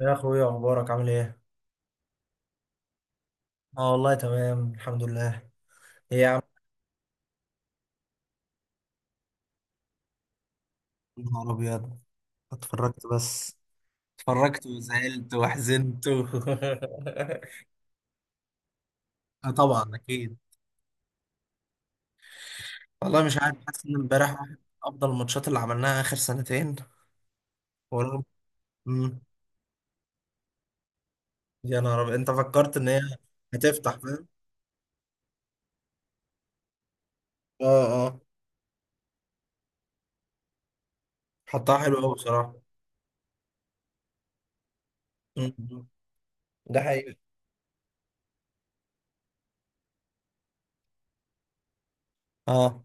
يا اخويا، اخبارك عامل ايه؟ اه، والله تمام الحمد لله. ايه يا عم؟ يا نهار ابيض! اتفرجت بس. اتفرجت وزعلت وحزنت آه، طبعا اكيد. والله مش عارف، حاسس ان امبارح واحد من افضل الماتشات اللي عملناها اخر سنتين، ورغم مم. يا نهار ابيض، انت فكرت ان هي هتفتح، فاهم؟ اه اه. حطها حلو قوي بصراحه. مم. ده حقيقي. اه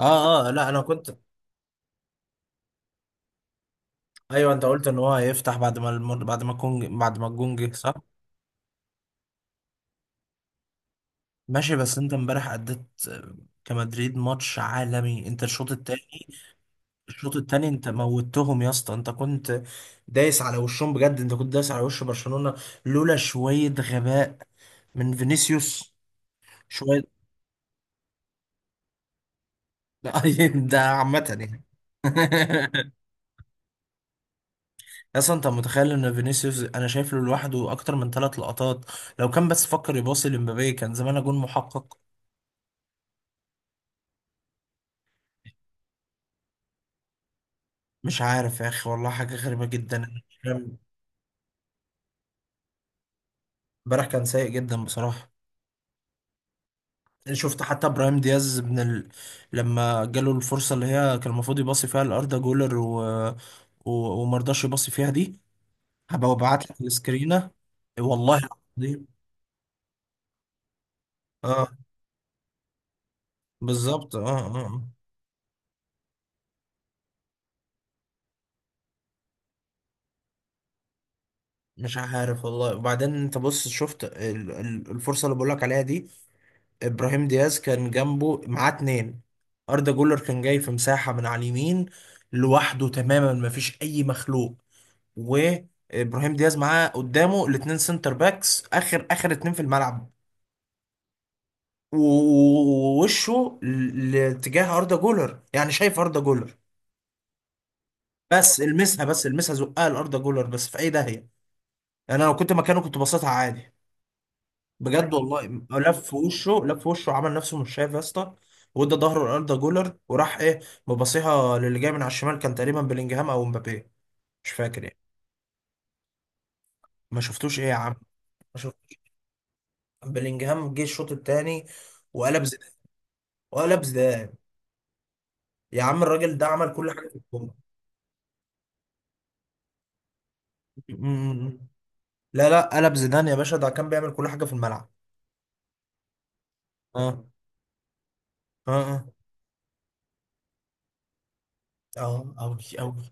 اه اه، لا انا كنت. ايوه، انت قلت ان هو هيفتح بعد ما الم... بعد ما الجون بعد ما الجون جه، صح؟ ماشي، بس انت امبارح اديت، آه، كمدريد ماتش عالمي، انت الشوط التاني. الشوط التاني انت موتهم يا اسطى، انت كنت دايس على وشهم بجد، انت كنت دايس على وش برشلونة، لولا شوية غباء من فينيسيوس شوية. لا. ده عامة يعني. اصلا انت متخيل ان فينيسيوس انا شايف له لوحده اكتر من ثلاث لقطات؟ لو كان بس فكر يباصي لمبابي كان زمان جون محقق. مش عارف يا اخي، والله حاجة غريبة جدا. امبارح كان سيء جدا بصراحة. شفت حتى ابراهيم دياز من لما جاله الفرصه اللي هي كان المفروض يباصي فيها لاردا جولر و... ومرضاش يباصي فيها دي. هبقى ابعت لك السكرينه، والله العظيم. اه، بالظبط، اه اه آه. مش عارف والله. وبعدين انت بص، شفت الفرصه اللي بقول لك عليها دي؟ ابراهيم دياز كان جنبه معاه اتنين، اردا جولر كان جاي في مساحه من على اليمين لوحده تماما، مفيش اي مخلوق، وابراهيم دياز معاه قدامه الاتنين سنتر باكس، اخر اخر اتنين في الملعب، ووشه لاتجاه اردا جولر، يعني شايف اردا جولر. بس المسها، بس المسها، زقها لاردا جولر بس في اي داهيه. يعني انا لو كنت مكانه كنت بصيتها عادي، بجد أكيد والله. لف وشه، لف وشه، عمل نفسه مش شايف يا اسطى، وادى ظهره لاردا جولر وراح ايه، مبصيها للي جاي من على الشمال، كان تقريبا بلينجهام او مبابي، مش فاكر يعني. ما شفتوش؟ ايه يا عم؟ ما شفتوش. بلينجهام جه الشوط الثاني وقلب، زيدان، يا عم الراجل ده عمل كل حاجه في الكوره. أمم. لا لا، قلب زيدان يا باشا، ده كان بيعمل كل حاجه في الملعب. اه اه. اه اه اوي اوي.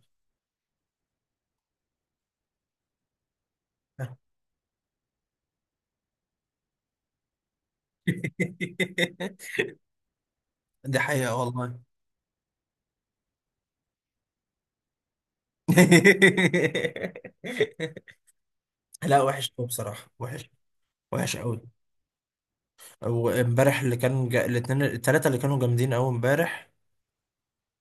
دي حقيقه والله. لا، وحش قوي بصراحه، وحش. وحش قوي. وامبارح اللي كان الاثنين الثلاثه اللي كانوا جامدين قوي امبارح،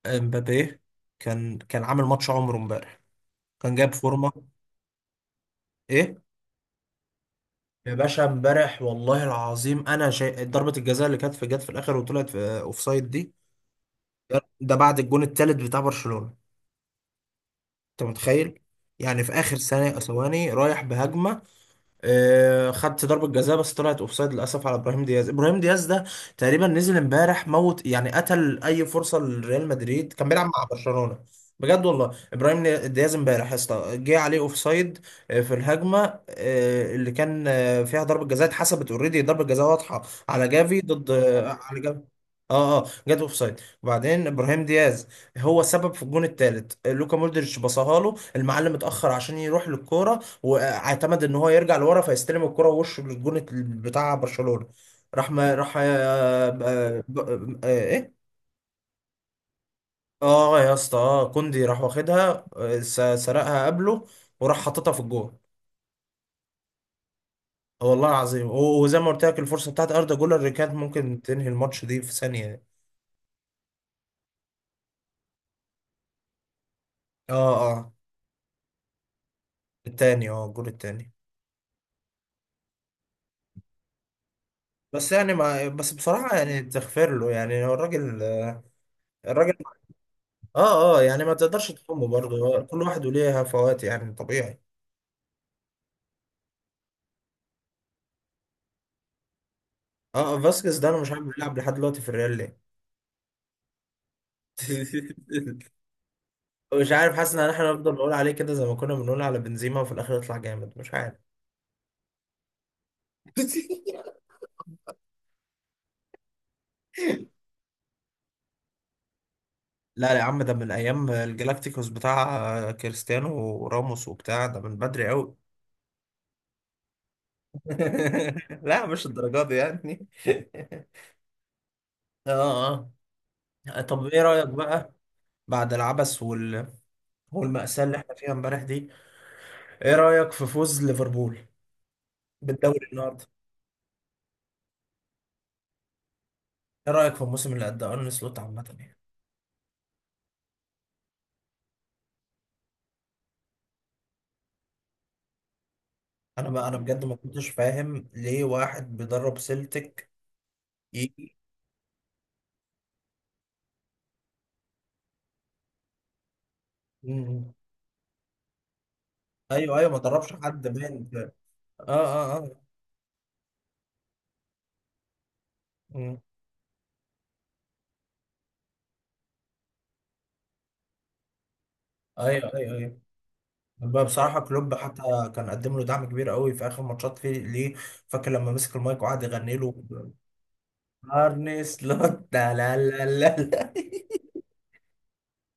امبابي كان عامل ماتش عمره امبارح، كان جاب فورمه. ايه يا باشا، امبارح والله العظيم انا شيء ضربة الجزاء اللي كانت في جت في الاخر وطلعت في اوفسايد دي، ده بعد الجون التالت بتاع برشلونة. انت متخيل؟ يعني في اخر ثانية ثواني رايح بهجمة، خدت ضربة جزاء بس طلعت اوفسايد للاسف على ابراهيم دياز. ابراهيم دياز ده تقريبا نزل امبارح موت، يعني قتل اي فرصة لريال مدريد كان بيلعب مع برشلونة، بجد والله. ابراهيم دياز امبارح يا اسطى جه عليه اوفسايد، في الهجمة اللي كان فيها ضربة جزاء اتحسبت اوريدي، ضربة جزاء واضحة على جافي، ضد على جافي. اه اه، جت اوف سايد. وبعدين ابراهيم دياز هو سبب في الجون الثالث لوكا مودريتش، بصاها له المعلم، اتاخر عشان يروح للكوره، واعتمد ان هو يرجع لورا فيستلم الكرة ووشه للجون بتاع برشلونة، راح ما راح، ايه، اه يا اسطى، كوندي راح واخدها، سرقها قبله وراح حاططها في الجون. والله العظيم. وزي ما قلت لك، الفرصة بتاعت اردا جولر اللي كانت ممكن تنهي الماتش دي في ثانية. اه اه. التاني، اه، الجول التاني. بس يعني، ما بس بصراحة يعني تغفر له، يعني هو الراجل، الراجل. اه اه، يعني ما تقدرش تلومه برضه، كل واحد وليه هفوات، يعني طبيعي. اه، فاسكيز ده انا مش عارف بيلعب لحد دلوقتي في الريال ليه. مش عارف، حاسس ان احنا نفضل نقول عليه كده زي ما كنا بنقول على بنزيما وفي الاخر يطلع جامد، مش عارف. لا يا عم، ده من ايام الجلاكتيكوس بتاع كريستيانو وراموس وبتاع، ده من بدري قوي. لا، مش الدرجات دي يعني. اه اه، طب ايه رأيك بقى، بعد العبث والمأساة اللي احنا فيها امبارح دي، ايه رأيك في فوز ليفربول بالدوري النهارده؟ ايه رأيك في الموسم اللي قدمه ارن سلوت عامة يعني؟ انا بقى، انا بجد ما كنتش فاهم ليه واحد بيدرب سيلتك يجي. مم. ايوه ايوه، ما دربش حد باين، اه. اه اه. مم. ايوه ايوه ايوه. بقى بصراحه كلوب حتى كان قدم له دعم كبير قوي في اخر ماتشات فيه ليه، فاكر لما مسك المايك وقعد يغني له ارنس لوت؟ لا لا لا لا لا.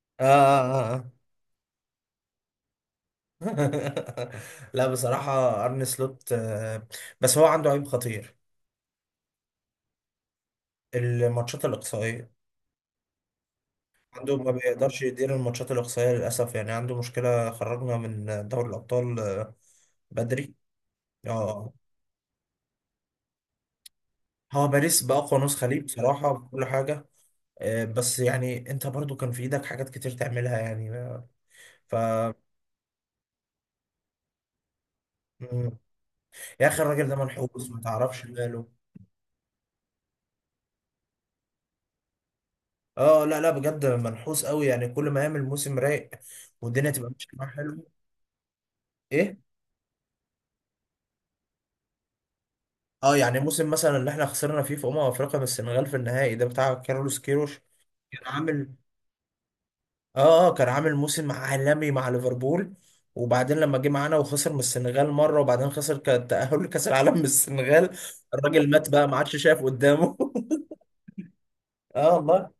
اه آه، آه. لا بصراحه ارني سلوت، بس هو عنده عيب خطير، الماتشات الاقصائيه، عنده ما بيقدرش يدير الماتشات الإقصائية للأسف، يعني عنده مشكلة، خرجنا من دوري الأبطال بدري. اه، هو باريس بأقوى نسخة ليه بصراحة، بكل حاجة، بس يعني انت برضو كان في ايدك حاجات كتير تعملها يعني، آه، ف مم. يا اخي الراجل ده منحوس، ما تعرفش ماله. اه، لا لا، بجد منحوس قوي، يعني كل ما يعمل موسم رايق والدنيا تبقى ماشيه معاه حلو. ايه. اه، يعني موسم مثلا اللي احنا خسرنا فيه في افريقيا من السنغال في النهائي ده بتاع كارلوس كيروش، كان عامل، اه كان عامل موسم عالمي مع ليفربول. وبعدين لما جه معانا وخسر من السنغال مره، وبعدين خسر التأهل لكأس العالم من السنغال، الراجل مات بقى، ما عادش شايف قدامه. اه والله.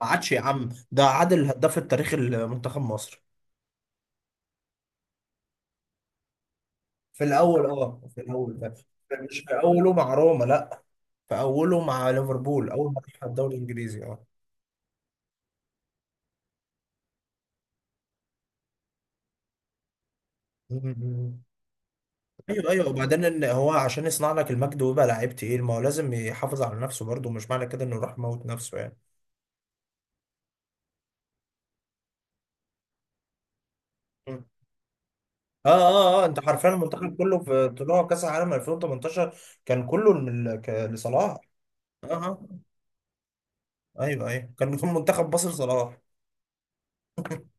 ما عادش يا عم، ده عادل الهداف التاريخي لمنتخب مصر. في الاول، في الاول بقى. مش في اوله مع روما، لا، في اوله مع ليفربول، اول ما راح الدوري الانجليزي، اه. مم. ايوه ايوه، وبعدين ان هو عشان يصنع لك المجد ويبقى لعيب تقيل، ما هو لازم يحافظ على نفسه برضه، مش معنى كده انه يروح يموت نفسه يعني. اه اه اه، انت حرفيا المنتخب كله في طلوع كاس العالم 2018 كان كله من لصلاح. اه اه، ايوه ايوه، كان كان منتخب مصر صلاح.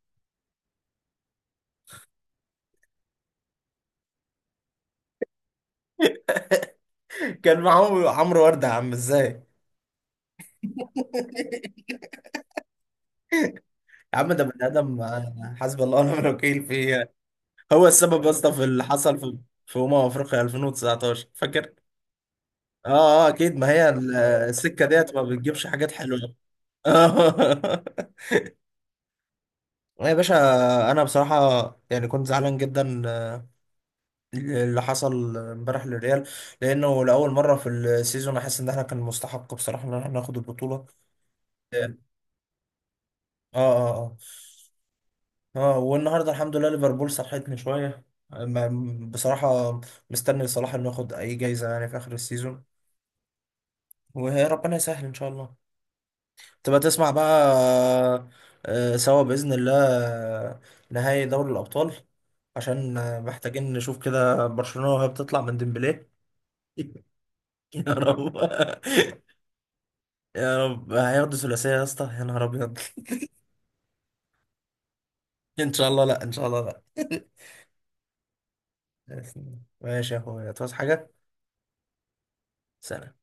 كان معاهم عمرو ورده يا عم ازاي؟ يا عم ده بني ادم، حسبي الله ونعم الوكيل فيه. هو السبب يا اسطى في اللي حصل في افريقيا 2019، فاكر؟ اه اه اكيد، ما هي السكه ديت ما بتجيبش حاجات حلوه. يا باشا، انا بصراحه يعني كنت زعلان جدا اللي حصل امبارح للريال، لانه لاول مره في السيزون احس ان احنا كان مستحق بصراحه ان احنا ناخد البطوله. اه اه اه اه، والنهارده الحمد لله ليفربول صحتني شويه. بصراحه مستني صلاح انه ياخد اي جايزه يعني في اخر السيزون، وربنا يسهل ان شاء الله، تبقى تسمع بقى، سوا باذن الله، آه، نهائي دوري الابطال، عشان محتاجين نشوف كده برشلونه وهي بتطلع من ديمبلي. يا رب. يا رب هياخدوا ثلاثية يا اسطى، يا نهار أبيض. إن شاء الله، لأ إن شاء الله، لأ. ماشي يا أخويا، تعوز حاجة؟ سلام.